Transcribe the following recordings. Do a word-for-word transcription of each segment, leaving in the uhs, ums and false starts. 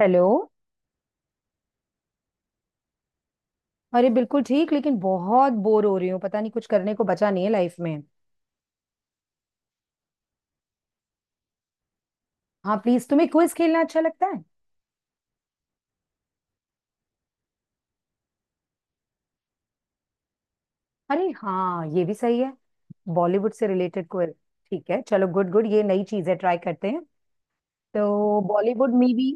Hello. अरे बिल्कुल ठीक, लेकिन बहुत बोर हो रही हूँ। पता नहीं, कुछ करने को बचा नहीं है लाइफ में। हाँ प्लीज, तुम्हें क्विज खेलना अच्छा लगता है। अरे हाँ, ये भी सही है। बॉलीवुड से रिलेटेड क्विज। ठीक है, चलो गुड गुड, ये नई चीज है, ट्राई करते हैं। तो बॉलीवुड मूवी।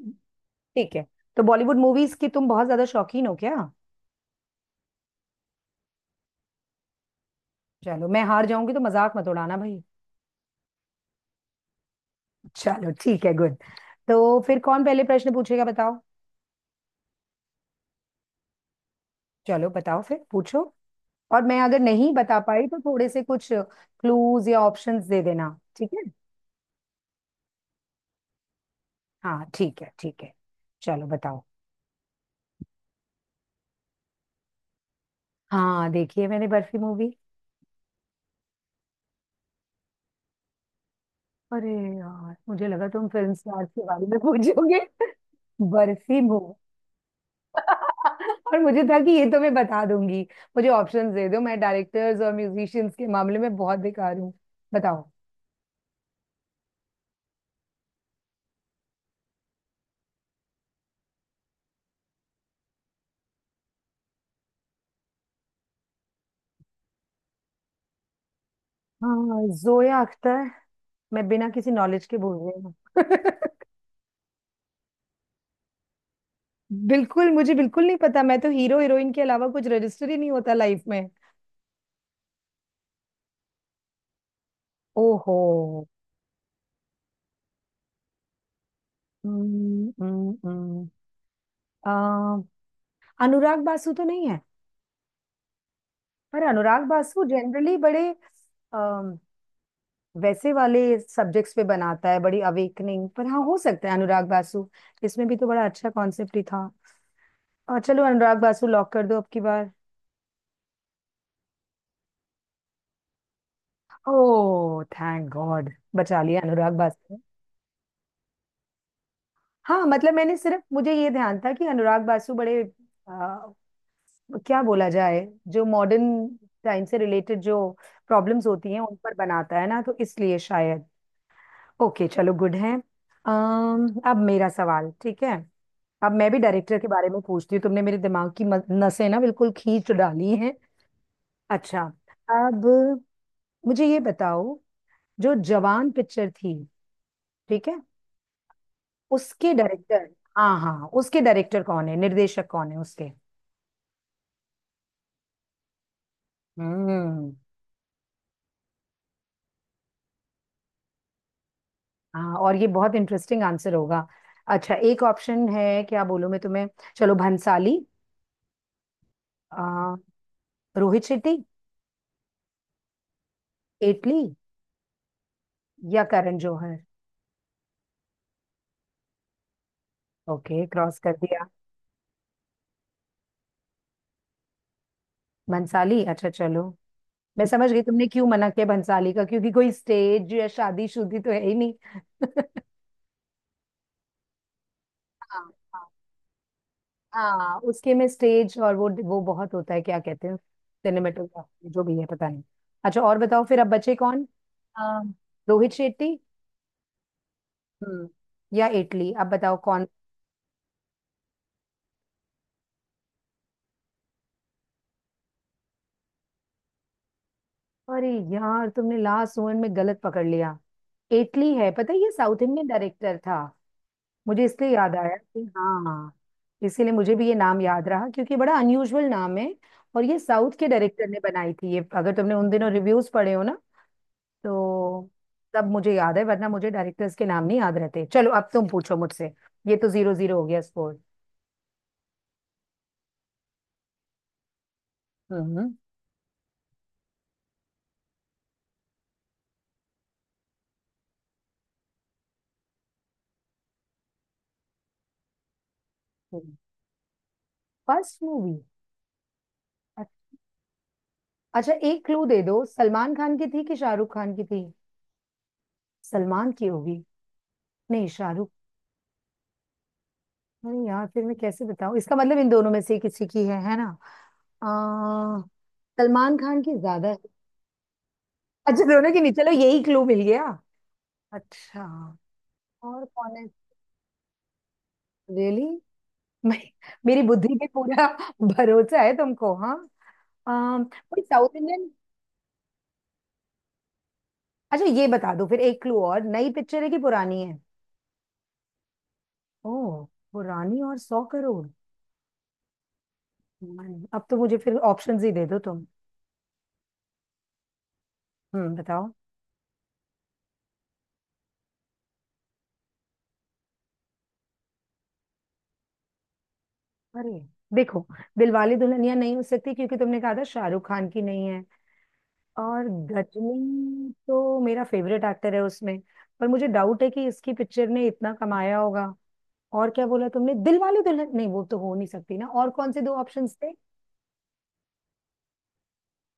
ठीक है। तो बॉलीवुड मूवीज की तुम बहुत ज्यादा शौकीन हो क्या। चलो, मैं हार जाऊंगी तो मजाक मत उड़ाना भाई। चलो ठीक है, गुड। तो फिर कौन पहले प्रश्न पूछेगा बताओ। चलो बताओ, फिर पूछो। और मैं अगर नहीं बता पाई तो थोड़े से कुछ क्लूज या ऑप्शंस दे देना। ठीक है। हाँ ठीक है, ठीक है। चलो बताओ। हाँ, देखी है मैंने बर्फी मूवी। अरे यार, मुझे लगा तुम फिल्म स्टार्स के बारे में पूछोगे। बर्फी मूवी। और मुझे था कि ये तो मैं बता दूंगी। मुझे ऑप्शंस दे दो, मैं डायरेक्टर्स और म्यूजिशियंस के मामले में बहुत बेकार हूँ। बताओ। हाँ, जोया अख्तर। मैं बिना किसी नॉलेज के बोल रही हूँ। बिल्कुल, मुझे बिल्कुल नहीं पता। मैं तो हीरो हीरोइन के अलावा कुछ रजिस्टर ही नहीं होता लाइफ में। ओहो। हम्म, हम्म, हम्म। अम, अनुराग बासु तो नहीं है। पर अनुराग बासु जनरली बड़े अम, वैसे वाले सब्जेक्ट्स पे बनाता है, बड़ी अवेकनिंग पर। हाँ, हो सकता है अनुराग बासु। इसमें भी तो बड़ा अच्छा कॉन्सेप्ट ही था। और चलो अनुराग बासु लॉक कर दो अब की बार। ओह थैंक गॉड, बचा लिया अनुराग बासु। हाँ मतलब मैंने सिर्फ, मुझे ये ध्यान था कि अनुराग बासु बड़े, क्या बोला जाए, जो मॉडर्न टाइम से रिलेटेड जो प्रॉब्लम्स होती हैं उन पर बनाता है ना, तो इसलिए शायद। ओके, चलो गुड है। अम्म, अब मेरा सवाल ठीक है। अब मैं भी डायरेक्टर के बारे में पूछती हूँ। तुमने मेरे दिमाग की मस- नसें ना बिल्कुल खींच डाली हैं। अच्छा, अब मुझे ये बताओ, जो जवान पिक्चर थी, ठीक है, उसके डायरेक्टर। हाँ हाँ, उसके डायरेक्टर कौन है, निर्देशक कौन है उसके। हम्म। हाँ, और ये बहुत इंटरेस्टिंग आंसर होगा। अच्छा, एक ऑप्शन है, क्या बोलूं मैं तुम्हें, चलो भंसाली, आ, रोहित शेट्टी, एटली, या करण जौहर। ओके, क्रॉस कर दिया। भंसाली, अच्छा चलो, मैं समझ गई तुमने क्यों मना किया भंसाली का, क्योंकि कोई स्टेज या शादी शुदी तो है ही नहीं। हाँ हाँ। हाँ, उसके में स्टेज और वो वो बहुत होता है, क्या कहते हैं, सिनेमेटोग्राफी जो भी है पता नहीं। अच्छा, और बताओ फिर, अब बचे कौन। आ, रोहित शेट्टी। हम्म, या इटली, अब बताओ कौन। अरे यार, तुमने लास्ट मोमेंट में गलत पकड़ लिया। इटली है, पता है, ये साउथ इंडियन डायरेक्टर था। मुझे इसलिए याद आया कि हाँ, इसीलिए मुझे भी ये नाम याद रहा क्योंकि बड़ा अनयूजुअल नाम है। और ये साउथ के डायरेक्टर ने बनाई थी ये। अगर तुमने उन दिनों रिव्यूज पढ़े हो ना, तो, तब मुझे याद है, वरना मुझे डायरेक्टर्स के नाम नहीं याद रहते। चलो अब तुम पूछो मुझसे। ये तो जीरो जीरो हो गया स्कोर। हम्म। First movie. अच्छा एक क्लू दे दो, सलमान खान की थी कि शाहरुख खान की थी। सलमान की होगी। नहीं, शाहरुख। नहीं यार, फिर मैं कैसे बताऊं, इसका मतलब इन दोनों में से किसी की है है ना। आ, सलमान खान की ज्यादा है। अच्छा, दोनों की नहीं, चलो यही क्लू मिल गया। अच्छा, और कौन है। रियली। मैं, मेरी बुद्धि पे पूरा भरोसा है तुमको, हाँ। अम, कोई साउथ इंडियन। अच्छा, ये बता दो फिर, एक क्लू और, नई पिक्चर है कि पुरानी है। ओह, पुरानी और सौ करोड़। हम्म, अब तो मुझे फिर ऑप्शंस ही दे दो तुम। हम्म, बताओ। अरे, देखो, दिलवाले दुल्हनिया नहीं हो सकती, क्योंकि तुमने कहा था शाहरुख खान की नहीं है। और गजनी तो मेरा फेवरेट एक्टर है उसमें, पर मुझे डाउट है कि इसकी पिक्चर ने इतना कमाया होगा। और क्या बोला तुमने, दिलवाले दुल्हन नहीं, वो तो हो नहीं सकती ना, और कौन से दो ऑप्शंस थे।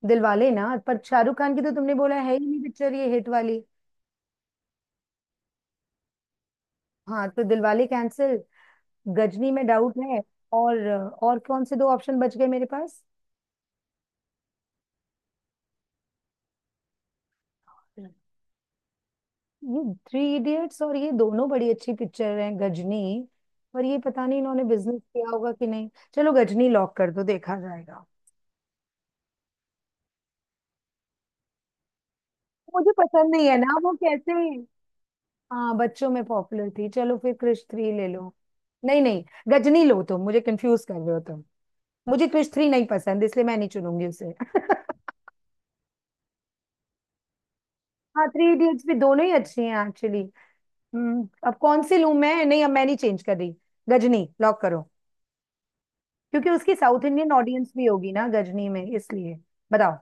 दिलवाले ना, पर शाहरुख खान की तो तुमने बोला है ही नहीं पिक्चर ये हिट वाली। हाँ तो दिलवाले कैंसिल, गजनी में डाउट है, और और कौन से दो ऑप्शन बच गए मेरे पास। ये थ्री इडियट्स और ये दोनों बड़ी अच्छी पिक्चर हैं, गजनी, पर ये पता नहीं इन्होंने बिजनेस किया होगा कि नहीं। चलो गजनी लॉक कर दो, देखा जाएगा। मुझे पसंद नहीं है ना वो, कैसे। हाँ बच्चों में पॉपुलर थी, चलो फिर क्रिश थ्री ले लो। नहीं नहीं, गजनी लो, तुम मुझे कंफ्यूज कर रहे हो तुम। मुझे क्रिश थ्री नहीं पसंद, इसलिए मैं नहीं चुनूंगी उसे। हाँ थ्री इडियट्स भी, दोनों ही अच्छी हैं एक्चुअली। हम्म, अब कौन सी लूं मैं, नहीं अब मैं नहीं चेंज कर रही। गजनी लॉक करो, क्योंकि उसकी साउथ इंडियन ऑडियंस भी होगी ना गजनी में, इसलिए। बताओ।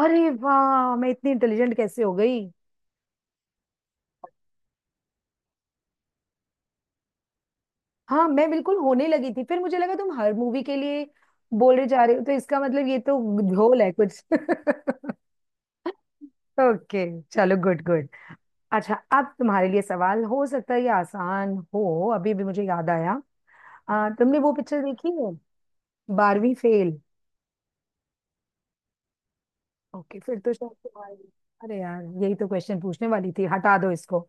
अरे वाह, मैं इतनी इंटेलिजेंट कैसे हो गई। हाँ मैं बिल्कुल होने लगी थी, फिर मुझे लगा तुम हर मूवी के लिए बोले जा रहे हो, तो इसका मतलब ये तो ढोल है कुछ। ओके, चलो गुड गुड। अच्छा, अब तुम्हारे लिए सवाल, हो सकता है ये आसान हो, अभी भी मुझे याद आया। आ, तुमने वो पिक्चर देखी है, बारहवीं फेल। ओके, फिर तो शायद तुम्हारे। अरे यार, यही तो क्वेश्चन पूछने वाली थी, हटा दो इसको।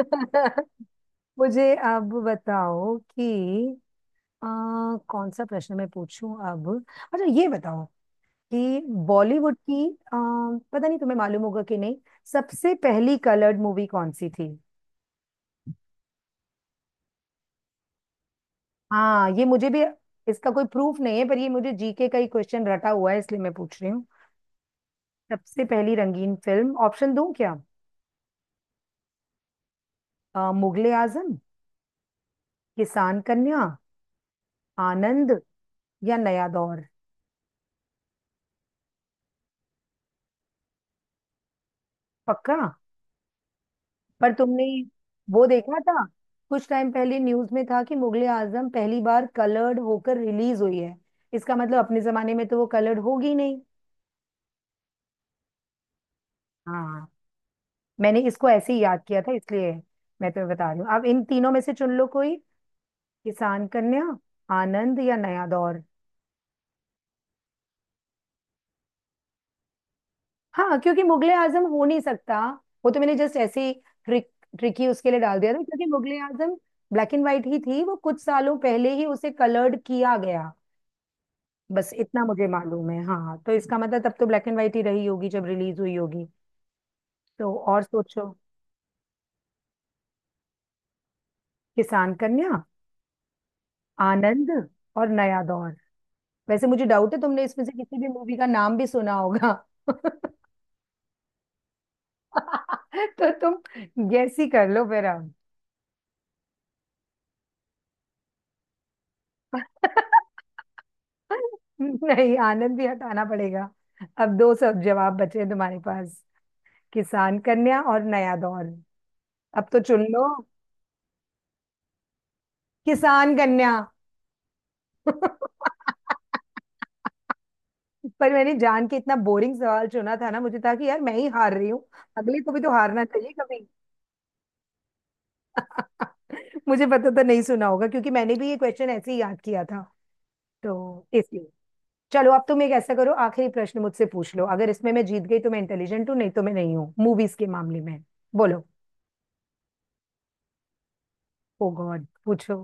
मुझे अब बताओ कि अ, कौन सा प्रश्न मैं पूछूं अब। अच्छा ये बताओ कि बॉलीवुड की, अ, पता नहीं तुम्हें मालूम होगा कि नहीं, सबसे पहली कलर्ड मूवी कौन सी थी। हाँ, ये मुझे भी, इसका कोई प्रूफ नहीं है, पर ये मुझे जीके का ही क्वेश्चन रटा हुआ है, इसलिए मैं पूछ रही हूँ। सबसे पहली रंगीन फिल्म, ऑप्शन दूं क्या। अ, मुगले आजम, किसान कन्या, आनंद, या नया दौर। पक्का। पर तुमने वो देखा था, कुछ टाइम पहले न्यूज में था कि मुगले आजम पहली बार कलर्ड होकर रिलीज हुई है। इसका मतलब अपने जमाने में तो वो कलर्ड होगी नहीं। हाँ मैंने इसको ऐसे ही याद किया था इसलिए। मैं तुम्हें बता रही हूँ अब, इन तीनों में से चुन लो कोई, किसान कन्या, आनंद या नया दौर। हाँ, क्योंकि मुगले आजम हो नहीं सकता। वो तो मैंने जस्ट ऐसे ही ट्रिक ट्रिकी उसके लिए डाल दिया था, क्योंकि Mughal-e Azam black and white ही थी वो, कुछ सालों पहले ही उसे कलर्ड किया गया। बस इतना मुझे मालूम है, हाँ, तो इसका मतलब तब तो ब्लैक एंड व्हाइट ही रही होगी जब रिलीज हुई होगी। तो और सोचो, किसान कन्या, आनंद और नया दौर। वैसे मुझे डाउट है तुमने इसमें से किसी भी मूवी का नाम भी सुना होगा। तो तुम गैस ही कर लो फिर अब। नहीं, आनंद भी हटाना पड़ेगा। अब दो सब जवाब बचे हैं तुम्हारे पास, किसान कन्या और नया दौर, अब तो चुन लो। किसान कन्या। पर मैंने जान के इतना बोरिंग सवाल चुना था ना, मुझे था कि यार मैं ही हार रही हूँ, अगले को भी तो हारना चाहिए कभी। मुझे पता, तो नहीं सुना होगा, क्योंकि मैंने भी ये क्वेश्चन ऐसे ही याद किया था तो, इसलिए। चलो, अब तुम एक ऐसा करो, आखिरी प्रश्न मुझसे पूछ लो, अगर इसमें मैं जीत गई तो मैं इंटेलिजेंट हूँ, नहीं तो मैं नहीं हूँ मूवीज के मामले में। बोलो। ओ गॉड, पूछो।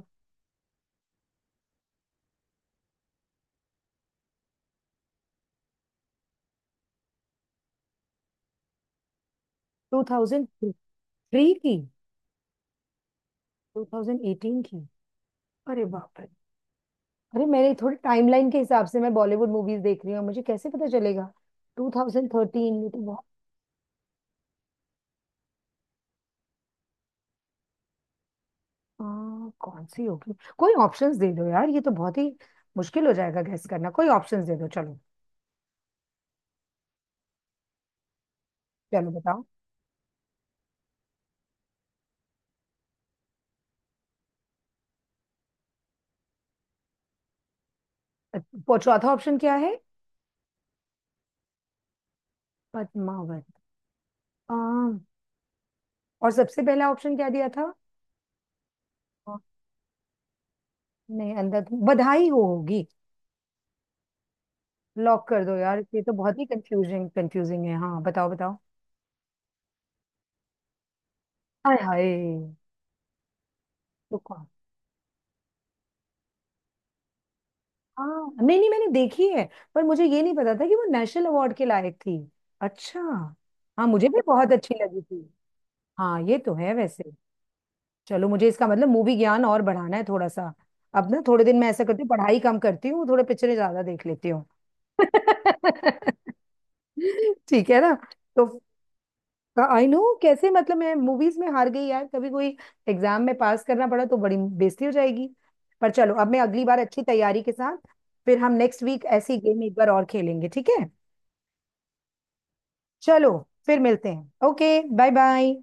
दो हज़ार तीन की। दो हज़ार अठारह की। अरे बाप रे। अरे मैंने थोड़ी टाइमलाइन के हिसाब से मैं बॉलीवुड मूवीज देख रही हूँ, मुझे कैसे पता चलेगा दो हज़ार तेरह। ये तो बहुत, आ, कौन सी होगी। कोई ऑप्शंस दे दो यार, ये तो बहुत ही मुश्किल हो जाएगा गैस करना, कोई ऑप्शंस दे दो चलो। चलो बताओ। अच्छा, पो- चौथा ऑप्शन क्या है। पद्मावत। आ, और सबसे पहला ऑप्शन क्या दिया था। आ, नहीं, अंदर तो बधाई हो होगी। लॉक कर दो यार, ये तो बहुत ही कंफ्यूजिंग कंफ्यूजिंग है, हाँ बताओ बताओ। हाय हाय। तो कौन। हाँ, नहीं नहीं मैंने देखी है, पर मुझे ये नहीं पता था कि वो नेशनल अवार्ड के लायक थी। अच्छा। हाँ मुझे भी बहुत अच्छी लगी थी। हाँ ये तो है वैसे। चलो, मुझे इसका मतलब मूवी ज्ञान और बढ़ाना है थोड़ा सा। अब ना थोड़े दिन मैं ऐसा करती हूँ, पढ़ाई कम करती हूँ, थोड़े पिक्चरें ज्यादा देख लेती हूँ। ठीक है ना। तो आई नो, कैसे मतलब मैं मूवीज में हार गई यार, कभी कोई एग्जाम में पास करना पड़ा तो बड़ी बेइज्जती हो जाएगी। पर चलो, अब मैं अगली बार अच्छी तैयारी के साथ, फिर हम नेक्स्ट वीक ऐसी गेम एक बार और खेलेंगे, ठीक है। चलो फिर मिलते हैं, ओके बाय बाय।